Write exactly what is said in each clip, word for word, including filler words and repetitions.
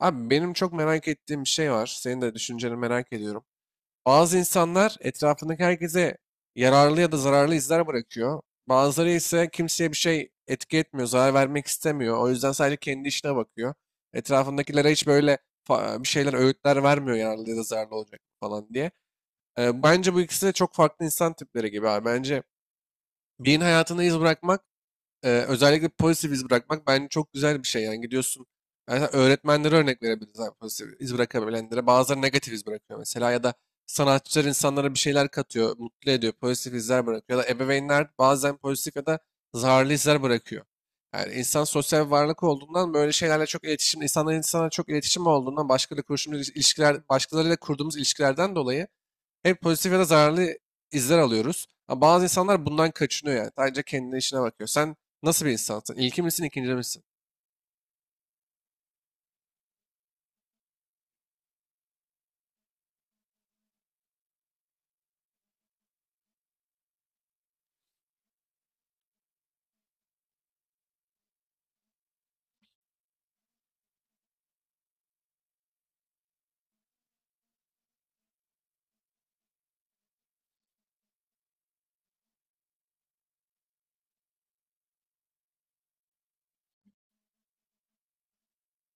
Abi benim çok merak ettiğim bir şey var. Senin de düşünceni merak ediyorum. Bazı insanlar etrafındaki herkese yararlı ya da zararlı izler bırakıyor. Bazıları ise kimseye bir şey etki etmiyor, zarar vermek istemiyor. O yüzden sadece kendi işine bakıyor. Etrafındakilere hiç böyle fa- bir şeyler, öğütler vermiyor yararlı ya da zararlı olacak falan diye. Ee, bence bu ikisi de çok farklı insan tipleri gibi abi. Bence birinin hayatına iz bırakmak ee, özellikle pozitif iz bırakmak bence çok güzel bir şey. Yani gidiyorsun mesela öğretmenlere örnek verebiliriz abi pozitif iz bırakabilenlere. Bazıları negatif iz bırakıyor mesela ya da sanatçılar insanlara bir şeyler katıyor, mutlu ediyor, pozitif izler bırakıyor. Ya da ebeveynler bazen pozitif ya da zararlı izler bırakıyor. Yani insan sosyal bir varlık olduğundan böyle şeylerle çok iletişim, insanların insana çok iletişim olduğundan başkalarıyla kurduğumuz ilişkiler, başkalarıyla kurduğumuz ilişkilerden dolayı hep pozitif ya da zararlı izler alıyoruz. Ama bazı insanlar bundan kaçınıyor yani. Sadece kendine işine bakıyor. Sen nasıl bir insansın? İlki misin, ikinci misin?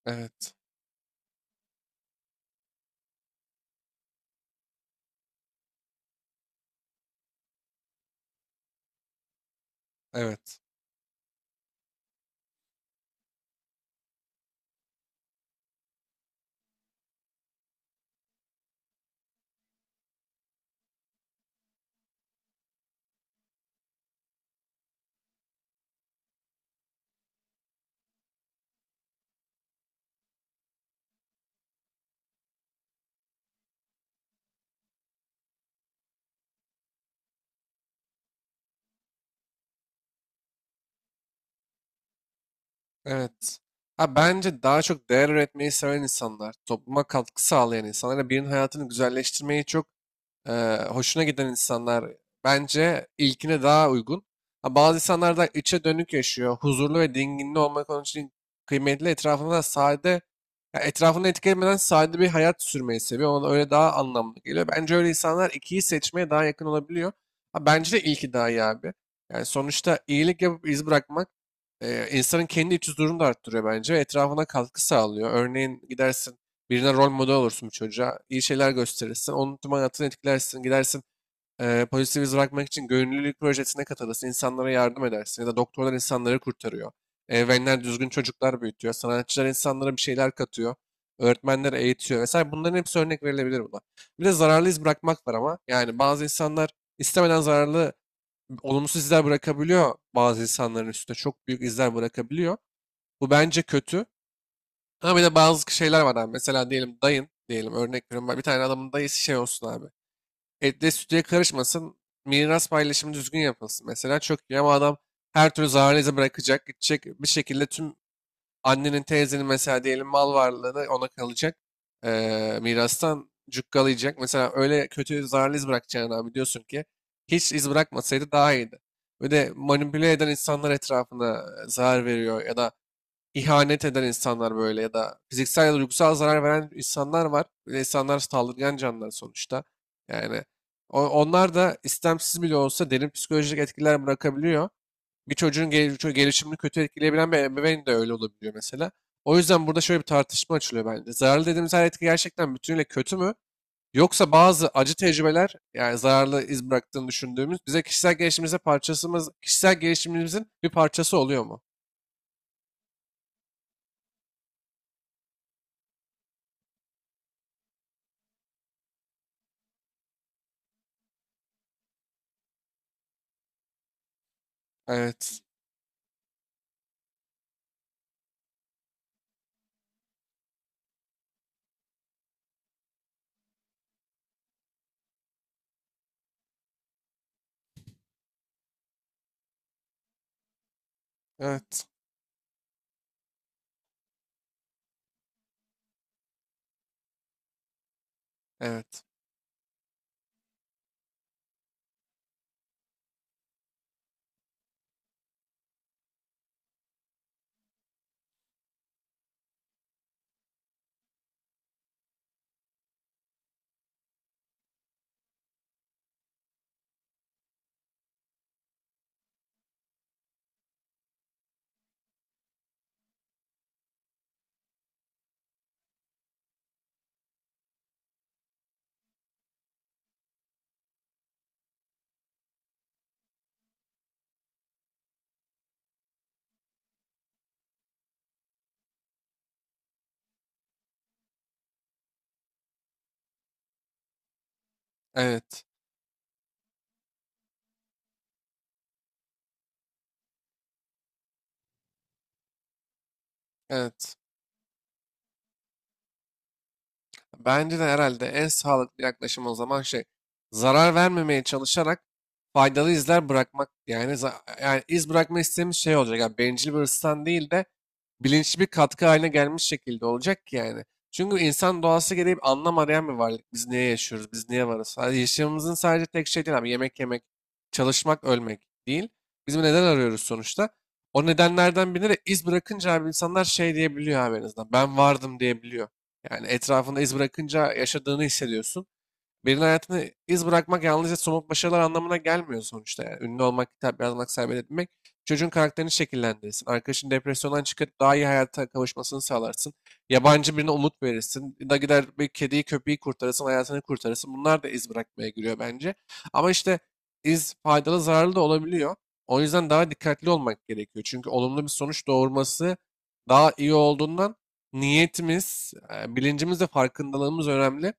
Evet, evet, evet. Ha, bence daha çok değer üretmeyi seven insanlar, topluma katkı sağlayan insanlar, ve birinin hayatını güzelleştirmeyi çok eee, hoşuna giden insanlar bence ilkine daha uygun. Ha, bazı insanlar da içe dönük yaşıyor. Huzurlu ve dinginli olmak onun için kıymetli. Etrafında da sade, ya etrafını etkilemeden sade bir hayat sürmeyi seviyor. Ona da öyle daha anlamlı geliyor. Bence öyle insanlar ikiyi seçmeye daha yakın olabiliyor. Ha, bence de ilki daha iyi abi. Yani sonuçta iyilik yapıp iz bırakmak eee, insanın kendi iç huzurunu da arttırıyor bence. Etrafına katkı sağlıyor. Örneğin gidersin birine rol model olursun bu çocuğa. İyi şeyler gösterirsin. Onun tüm hayatını etkilersin. Gidersin eee pozitif iz bırakmak için gönüllülük projesine katılırsın. İnsanlara yardım edersin. Ya da doktorlar insanları kurtarıyor. Ebeveynler düzgün çocuklar büyütüyor. Sanatçılar insanlara bir şeyler katıyor. Öğretmenler eğitiyor. Vesaire bunların hepsi örnek verilebilir buna. Bir de zararlı iz bırakmak var ama. Yani bazı insanlar istemeden zararlı, olumsuz izler bırakabiliyor bazı insanların üstüne. Çok büyük izler bırakabiliyor. Bu bence kötü. Ama bir de bazı şeyler var abi. Mesela diyelim dayın diyelim örnek veriyorum. Bir tane adamın dayısı şey olsun abi. Etle sütüye karışmasın. Miras paylaşımı düzgün yapılsın. Mesela çok iyi ama adam her türlü zararlı izi bırakacak. Gidecek bir şekilde tüm annenin teyzenin mesela diyelim mal varlığını ona kalacak. Ee, mirastan cukkalayacak. Mesela öyle kötü zararlı iz bırakacağını abi diyorsun ki hiç iz bırakmasaydı daha iyiydi. Ve de manipüle eden insanlar etrafına zarar veriyor ya da ihanet eden insanlar böyle ya da fiziksel ya da duygusal zarar veren insanlar var. Böyle insanlar saldırgan canlılar sonuçta. Yani o- onlar da istemsiz bile olsa derin psikolojik etkiler bırakabiliyor. Bir çocuğun gel- ço- gelişimini kötü etkileyebilen bir ebeveyn de öyle olabiliyor mesela. O yüzden burada şöyle bir tartışma açılıyor bence. Zararlı dediğimiz her etki gerçekten bütünüyle kötü mü? Yoksa bazı acı tecrübeler yani zararlı iz bıraktığını düşündüğümüz bize kişisel gelişimimize parçasımız, kişisel gelişimimizin bir parçası oluyor mu? Evet. Evet. Evet. Evet. Evet. Bence de herhalde en sağlıklı yaklaşım o zaman şey zarar vermemeye çalışarak faydalı izler bırakmak yani za- yani iz bırakma istediğimiz şey olacak. Yani bencil bir hırstan değil de bilinçli bir katkı haline gelmiş şekilde olacak ki yani. Çünkü insan doğası gereği bir anlam arayan bir varlık. Biz niye yaşıyoruz? Biz niye varız? Yani yaşamımızın sadece tek şey değil abi. Yemek yemek, çalışmak, ölmek değil. Biz bir neden arıyoruz sonuçta. O nedenlerden birine de iz bırakınca abi insanlar şey diyebiliyor abi en azından. Ben vardım diyebiliyor. Yani etrafını iz bırakınca yaşadığını hissediyorsun. Birinin hayatını iz bırakmak yalnızca somut başarılar anlamına gelmiyor sonuçta. Yani. Ünlü olmak, kitap yazmak, seyahat etmek çocuğun karakterini şekillendirirsin, arkadaşın depresyondan çıkıp daha iyi hayata kavuşmasını sağlarsın. Yabancı birine umut verirsin. Da gider bir kediyi, köpeği kurtarırsın, hayatını kurtarırsın. Bunlar da iz bırakmaya giriyor bence. Ama işte iz faydalı, zararlı da olabiliyor. O yüzden daha dikkatli olmak gerekiyor. Çünkü olumlu bir sonuç doğurması daha iyi olduğundan niyetimiz, e, bilincimiz ve farkındalığımız önemli.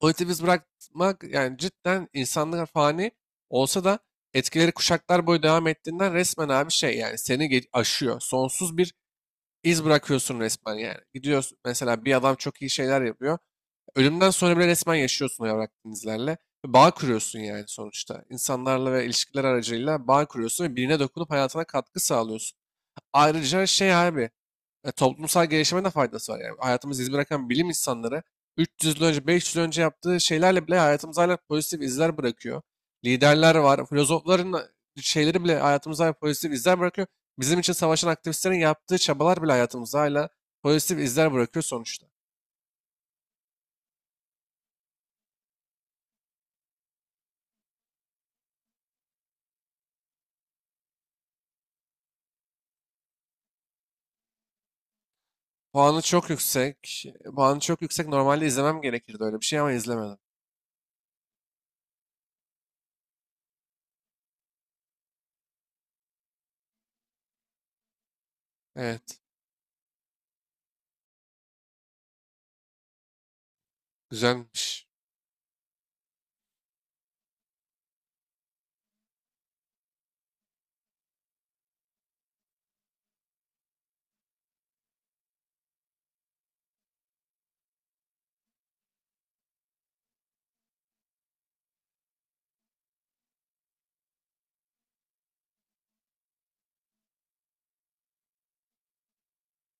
Politiği biz bırakmak yani cidden insanlar fani olsa da etkileri kuşaklar boyu devam ettiğinden resmen abi şey yani seni ge- aşıyor. Sonsuz bir iz bırakıyorsun resmen yani. Gidiyorsun mesela bir adam çok iyi şeyler yapıyor. Ölümden sonra bile resmen yaşıyorsun o evrak denizlerle. Ve bağ kuruyorsun yani sonuçta. İnsanlarla ve ilişkiler aracılığıyla bağ kuruyorsun ve birine dokunup hayatına katkı sağlıyorsun. Ayrıca şey abi e, toplumsal gelişime de faydası var. Yani hayatımızı iz bırakan bilim insanları üç yüz yıl önce, beş yüz yıl önce yaptığı şeylerle bile hayatımıza hala pozitif izler bırakıyor. Liderler var, filozofların şeyleri bile hayatımıza hala pozitif izler bırakıyor. Bizim için savaşan aktivistlerin yaptığı çabalar bile hayatımıza hala pozitif izler bırakıyor sonuçta. Puanı çok yüksek. Puanı çok yüksek. Normalde izlemem gerekirdi öyle bir şey ama izlemedim. Evet. Güzelmiş.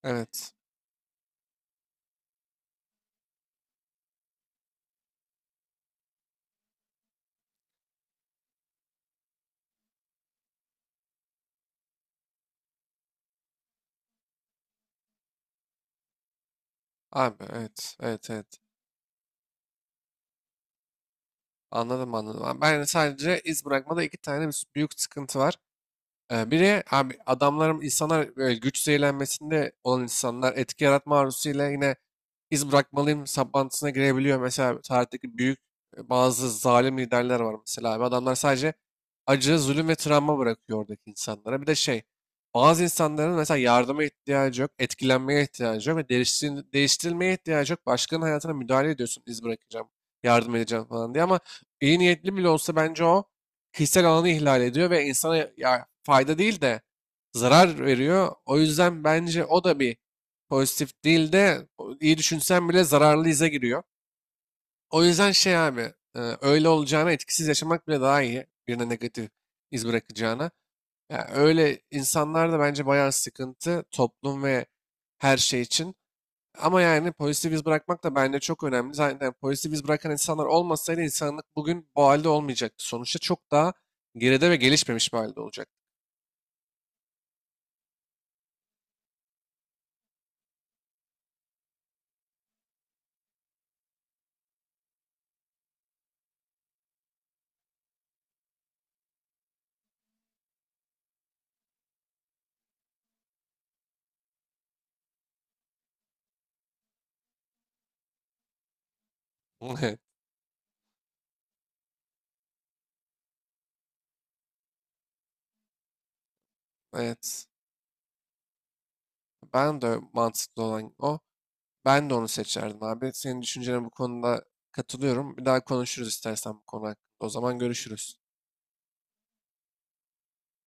Evet. Abi evet. Evet, evet. Anladım, anladım. Ben hani, sadece iz bırakmada iki tane bir büyük sıkıntı var. Ee, biri abi adamların insanlar böyle güç zehirlenmesinde olan insanlar etki yaratma arzusuyla yine iz bırakmalıyım saplantısına girebiliyor. Mesela tarihteki büyük e, bazı zalim liderler var mesela abi. Adamlar sadece acı, zulüm ve travma bırakıyor oradaki insanlara. Bir de şey, bazı insanların mesela yardıma ihtiyacı yok, etkilenmeye ihtiyacı yok ve değiştirin- değiştirilmeye ihtiyacı yok. Başkanın hayatına müdahale ediyorsun, iz bırakacağım, yardım edeceğim falan diye ama iyi niyetli bile olsa bence o kişisel alanı ihlal ediyor ve insana ya, fayda değil de zarar veriyor. O yüzden bence o da bir pozitif değil de iyi düşünsen bile zararlı ize giriyor. O yüzden şey abi e, öyle olacağına etkisiz yaşamak bile daha iyi. Birine negatif iz bırakacağına. Ya öyle insanlar da bence bayağı sıkıntı toplum ve her şey için. Ama yani pozitif iz bırakmak da bence çok önemli. Zaten pozitif iz bırakan insanlar olmasaydı insanlık bugün bu halde olmayacaktı. Sonuçta çok daha geride ve gelişmemiş bir halde olacak. Evet. Evet. Ben de mantıklı olan o. Ben de onu seçerdim abi. Senin düşüncene bu konuda katılıyorum. Bir daha konuşuruz istersen bu konu hakkında. O zaman görüşürüz.